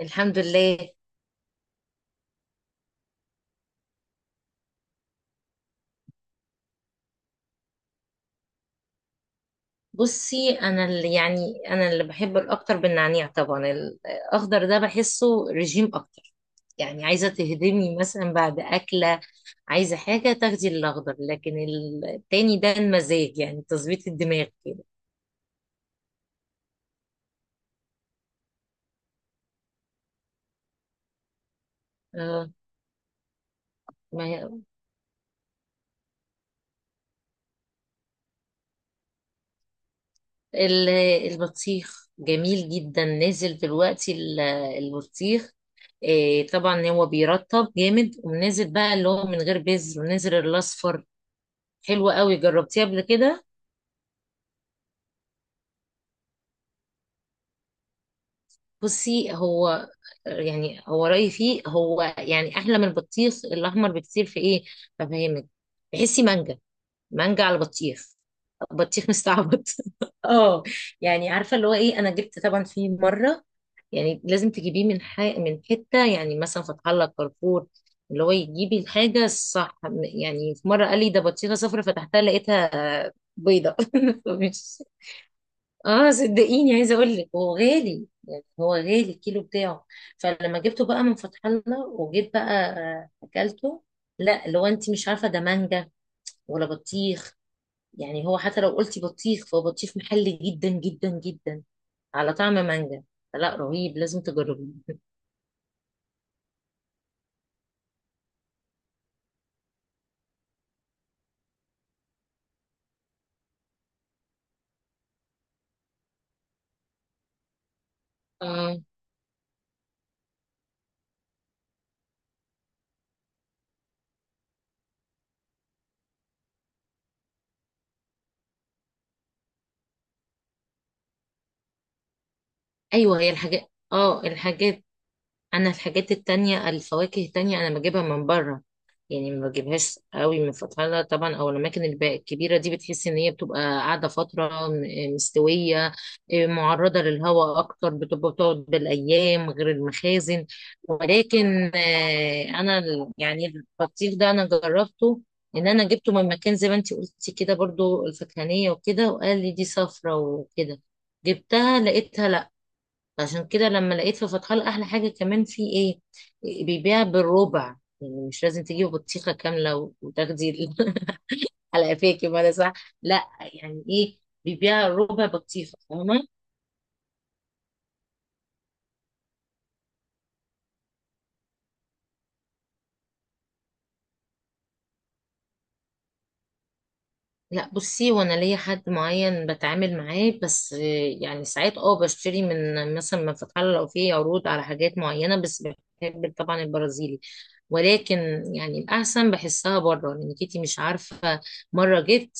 الحمد لله. بصي، انا اللي بحب الاكتر بالنعناع، طبعا الاخضر ده بحسه رجيم اكتر. يعني عايزه تهدمي مثلا بعد اكله، عايزه حاجه تاخدي الاخضر، لكن التاني ده المزاج، يعني تظبيط الدماغ كده. اه. ما هي ال- البطيخ جميل جدا، نازل دلوقتي البطيخ. إيه، طبعا هو بيرطب جامد، ونازل بقى اللي هو من غير بذر، ونازل الاصفر. حلو قوي، جربتيه قبل كده؟ بصي، هو يعني، هو رأيي فيه، هو يعني أحلى من البطيخ الأحمر بكتير في إيه، بفهمك. تحسي مانجا، مانجا على بطيخ، بطيخ مستعبط. اه. يعني عارفة اللي هو إيه، أنا جبت طبعا فيه مرة، يعني لازم تجيبيه من من حتة، يعني مثلا فتح الله، كارفور، اللي هو يجيبي الحاجة الصح. يعني في مرة قال لي ده بطيخة صفرا، فتحتها لقيتها بيضة. اه، صدقيني، عايزه اقول لك هو غالي، يعني هو غالي الكيلو بتاعه. فلما جبته بقى من فتح الله وجيت بقى، اكلته. لا، لو انت مش عارفه ده مانجا ولا بطيخ، يعني هو حتى لو قلتي بطيخ فهو بطيخ محلي جدا جدا جدا على طعم مانجا. لا، رهيب، لازم تجربيه. اه، ايوه هي الحاجات، اه الحاجات انا الحاجات التانية، الفواكه التانية، انا بجيبها من بره. يعني ما بجيبهاش قوي من فتحة طبعا، او الاماكن الكبيره دي، بتحس ان هي بتبقى قاعده فتره مستويه، إيه، معرضه للهواء اكتر، بتبقى بتقعد بالايام، غير المخازن. ولكن انا يعني البطيخ ده انا جربته، ان انا جبته من مكان زي ما انتي قلتي كده برضو، الفكهانيه وكده، وقال لي دي صفرة وكده، جبتها لقيتها. عشان كده لما لقيت في فتح الله، احلى حاجه كمان في ايه، بيبيع بالربع. يعني مش لازم تجيب بطيخه كامله وتاخدي على قفاكي، ما ده صح. لا، يعني ايه، بيبيع ربع بطيخه، فاهمه. لا بصي، وانا ليا حد معين بتعامل معاه، بس يعني ساعات اه بشتري من مثلا من فتح الله لو في عروض على حاجات معينه بس. بحب طبعا البرازيلي، ولكن يعني الاحسن بحسها بره، لانك انتي مش عارفه. مره جيت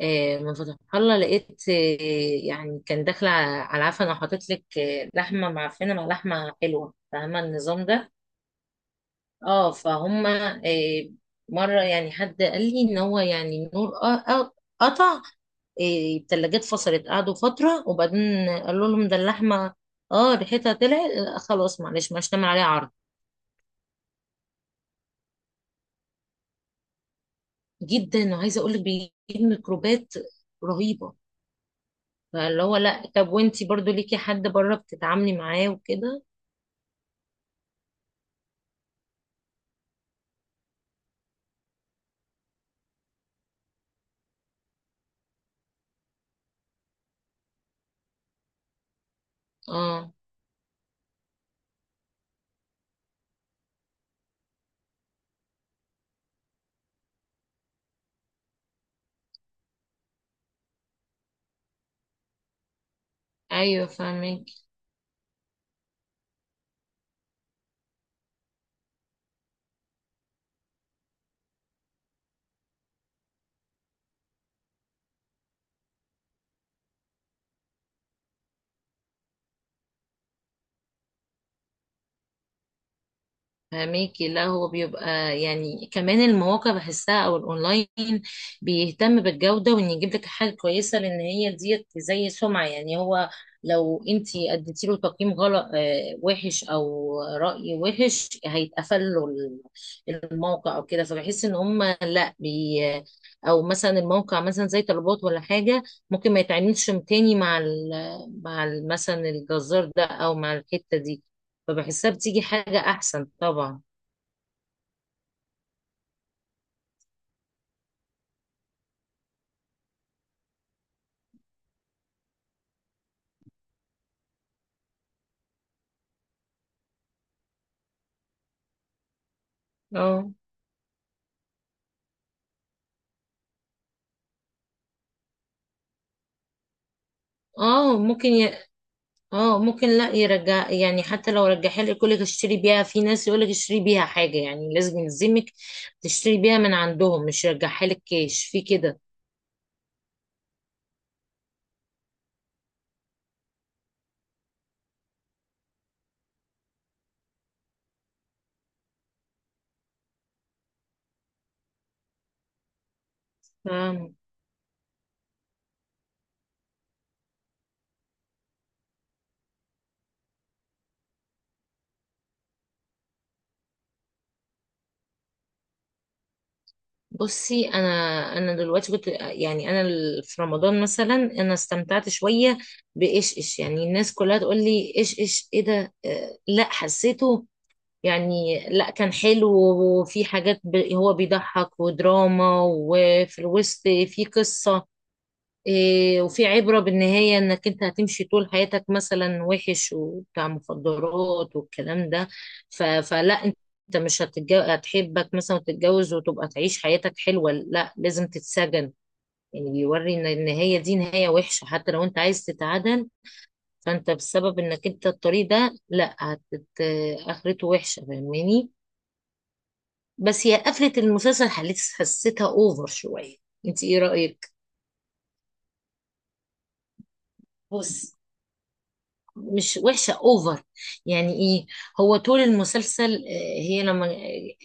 من فتح الله، لقيت يعني كان داخله على عفن، انا حاطط لك لحمه معفنه مع لحمه حلوه، فاهمه النظام ده. اه فهم. مره يعني حد قال لي ان هو يعني نور قطع. إيه، التلاجات فصلت، قعدوا فترة، وبعدين قالوا لهم ده اللحمة اه ريحتها طلعت، خلاص معلش مش هنعمل عليها عرض. جدا، وعايزة اقول لك بيجيب ميكروبات رهيبة. فاللي هو، لا، طب وانتي برضو ليكي حد بره بتتعاملي معاه وكده؟ اه، ايوه فاهمك. فهميكي. لا، هو بيبقى يعني كمان المواقع بحسها او الاونلاين بيهتم بالجودة، وان يجيب لك حاجة كويسة، لان هي ديت زي سمعة. يعني هو لو انت اديتي له تقييم غلط، وحش او رأي وحش، هيتقفل له الموقع او كده. فبحس ان هم لا او مثلا الموقع مثلا زي طلبات ولا حاجة، ممكن ما يتعاملش تاني مع مثلا الجزار ده، او مع الحتة دي. فبحسها بتيجي حاجة احسن طبعا. اه. اه ممكن ي... اه ممكن لا يرجع، يعني حتى لو رجعها لك يقول لك اشتري بيها، في ناس يقول لك اشتري بيها حاجه، يعني لازم يلزمك تشتري بيها من عندهم، مش يرجعها لك كاش. في كده، فاهم؟ بصي، انا دلوقتي كنت، يعني انا في رمضان مثلا انا استمتعت شويه بايش ايش. يعني الناس كلها تقول لي ايش ايش ايه ده، لا حسيته يعني، لا كان حلو. وفي حاجات هو بيضحك ودراما، وفي الوسط في قصه، إيه، وفي عبرة بالنهاية انك انت هتمشي طول حياتك مثلا وحش وبتاع مخدرات والكلام ده، فلا انت مش هتتجو... هتحبك مثلا وتتجوز وتبقى تعيش حياتك حلوة، لا لازم تتسجن. يعني بيوري ان النهاية دي نهاية وحشة حتى لو انت عايز تتعدل، فانت بسبب انك انت الطريق ده، لا اخرته وحشة، فاهماني. بس هي قفلة المسلسل حسيتها اوفر شوية، انت ايه رأيك؟ بص، مش وحشة، اوفر. يعني ايه؟ هو طول المسلسل، هي لما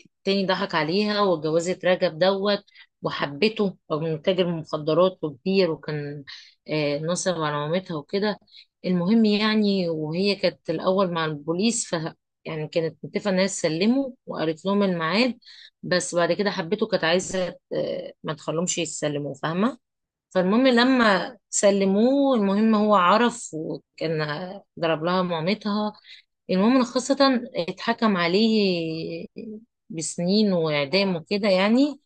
التاني ضحك عليها واتجوزت رجب دوت، وحبته رغم انه تاجر مخدرات وكبير، وكان نصب على مامتها وكده. المهم يعني، وهي كانت الأول مع البوليس، ف يعني كانت متفقة إنها تسلمه، وقالت لهم الميعاد. بس بعد كده حبته، كانت عايزة ما تخلهمش يتسلموا، فاهمة؟ فالمهم لما سلموه، المهم هو عرف، وكان ضرب لها مامتها. المهم خاصة، اتحكم عليه بسنين وإعدام وكده، يعني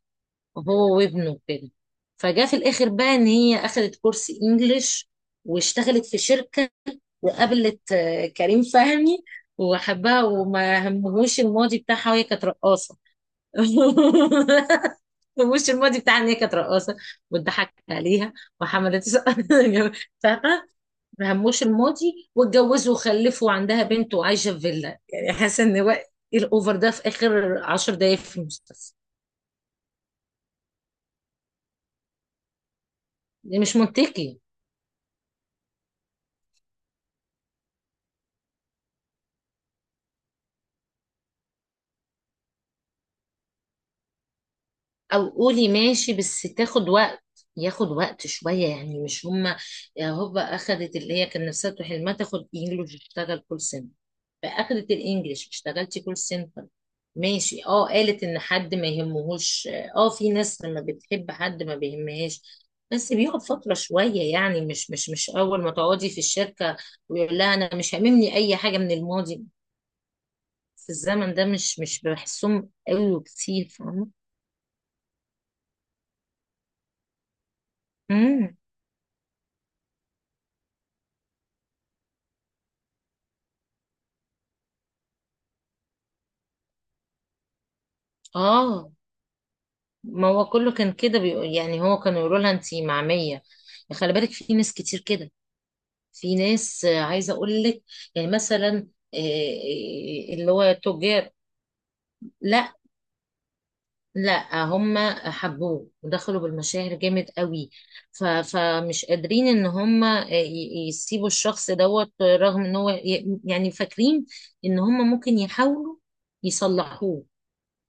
هو وابنه كده. فجاء في الآخر بقى إن هي أخدت كورس إنجليش، واشتغلت في شركة، وقابلت كريم فهمي، وحبها وما همهوش الماضي بتاعها، وهي كانت رقاصة. وش الماضي بتاعها ان هي كانت رقاصه، واتضحك عليها، وحملت فاهمه، هموش الماضي، واتجوزوا وخلفوا وعندها بنت، وعايشه في فيلا. يعني حاسه ان هو ايه، الاوفر ده في اخر 10 دقايق في المسلسل. ده مش منطقي، او قولي ماشي بس تاخد وقت، ياخد وقت شوية. يعني مش هما هوبا اخدت اللي هي كان نفسها تروح حلمها، تاخد انجلش تشتغل كول سنتر، فاخدت الانجليش، اشتغلتي كول سنتر، ماشي، اه، قالت ان حد ما يهمهوش. اه، في ناس لما بتحب حد ما بيهمهاش، بس بيقعد فترة شوية، يعني مش أول ما تقعدي في الشركة ويقول لها أنا مش هاممني أي حاجة من الماضي. في الزمن ده مش بحسهم قوي وكتير، فاهمة؟ امم. اه، ما هو كله كان كده بيقول، يعني هو كانوا يقولوا لها انتي معمية، يعني خلي بالك في ناس كتير كده. في ناس عايزة اقول لك، يعني مثلا اللي هو تجار. لا لا، هم حبوه ودخلوا بالمشاعر جامد قوي. فمش قادرين ان هم، يسيبوا الشخص دوت، رغم ان هو يعني فاكرين ان هم ممكن يحاولوا يصلحوه.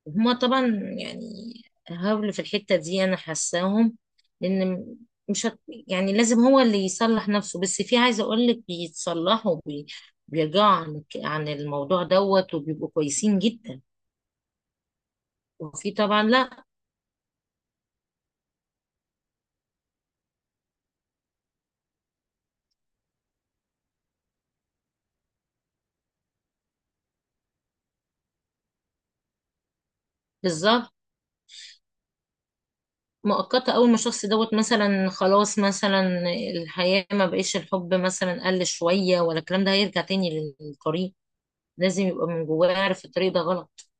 هما طبعا يعني هاولوا في الحتة دي، أنا حاساهم. لأن مش هت... يعني لازم هو اللي يصلح نفسه. بس في عايزة أقول لك، بيتصلحوا بيرجعوا عن الموضوع دوت، وبيبقوا كويسين جدا. وفي طبعا، لا. بالظبط. مؤقتة، أول ما الشخص دوت مثلا خلاص مثلا الحياة ما بقيش، الحب مثلا قل شوية ولا الكلام ده، هيرجع تاني للطريق. لازم يبقى من جواه عارف الطريق ده غلط.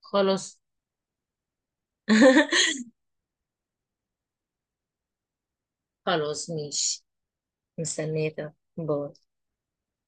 خلاص. خلاص ماشي. مستنية، باي.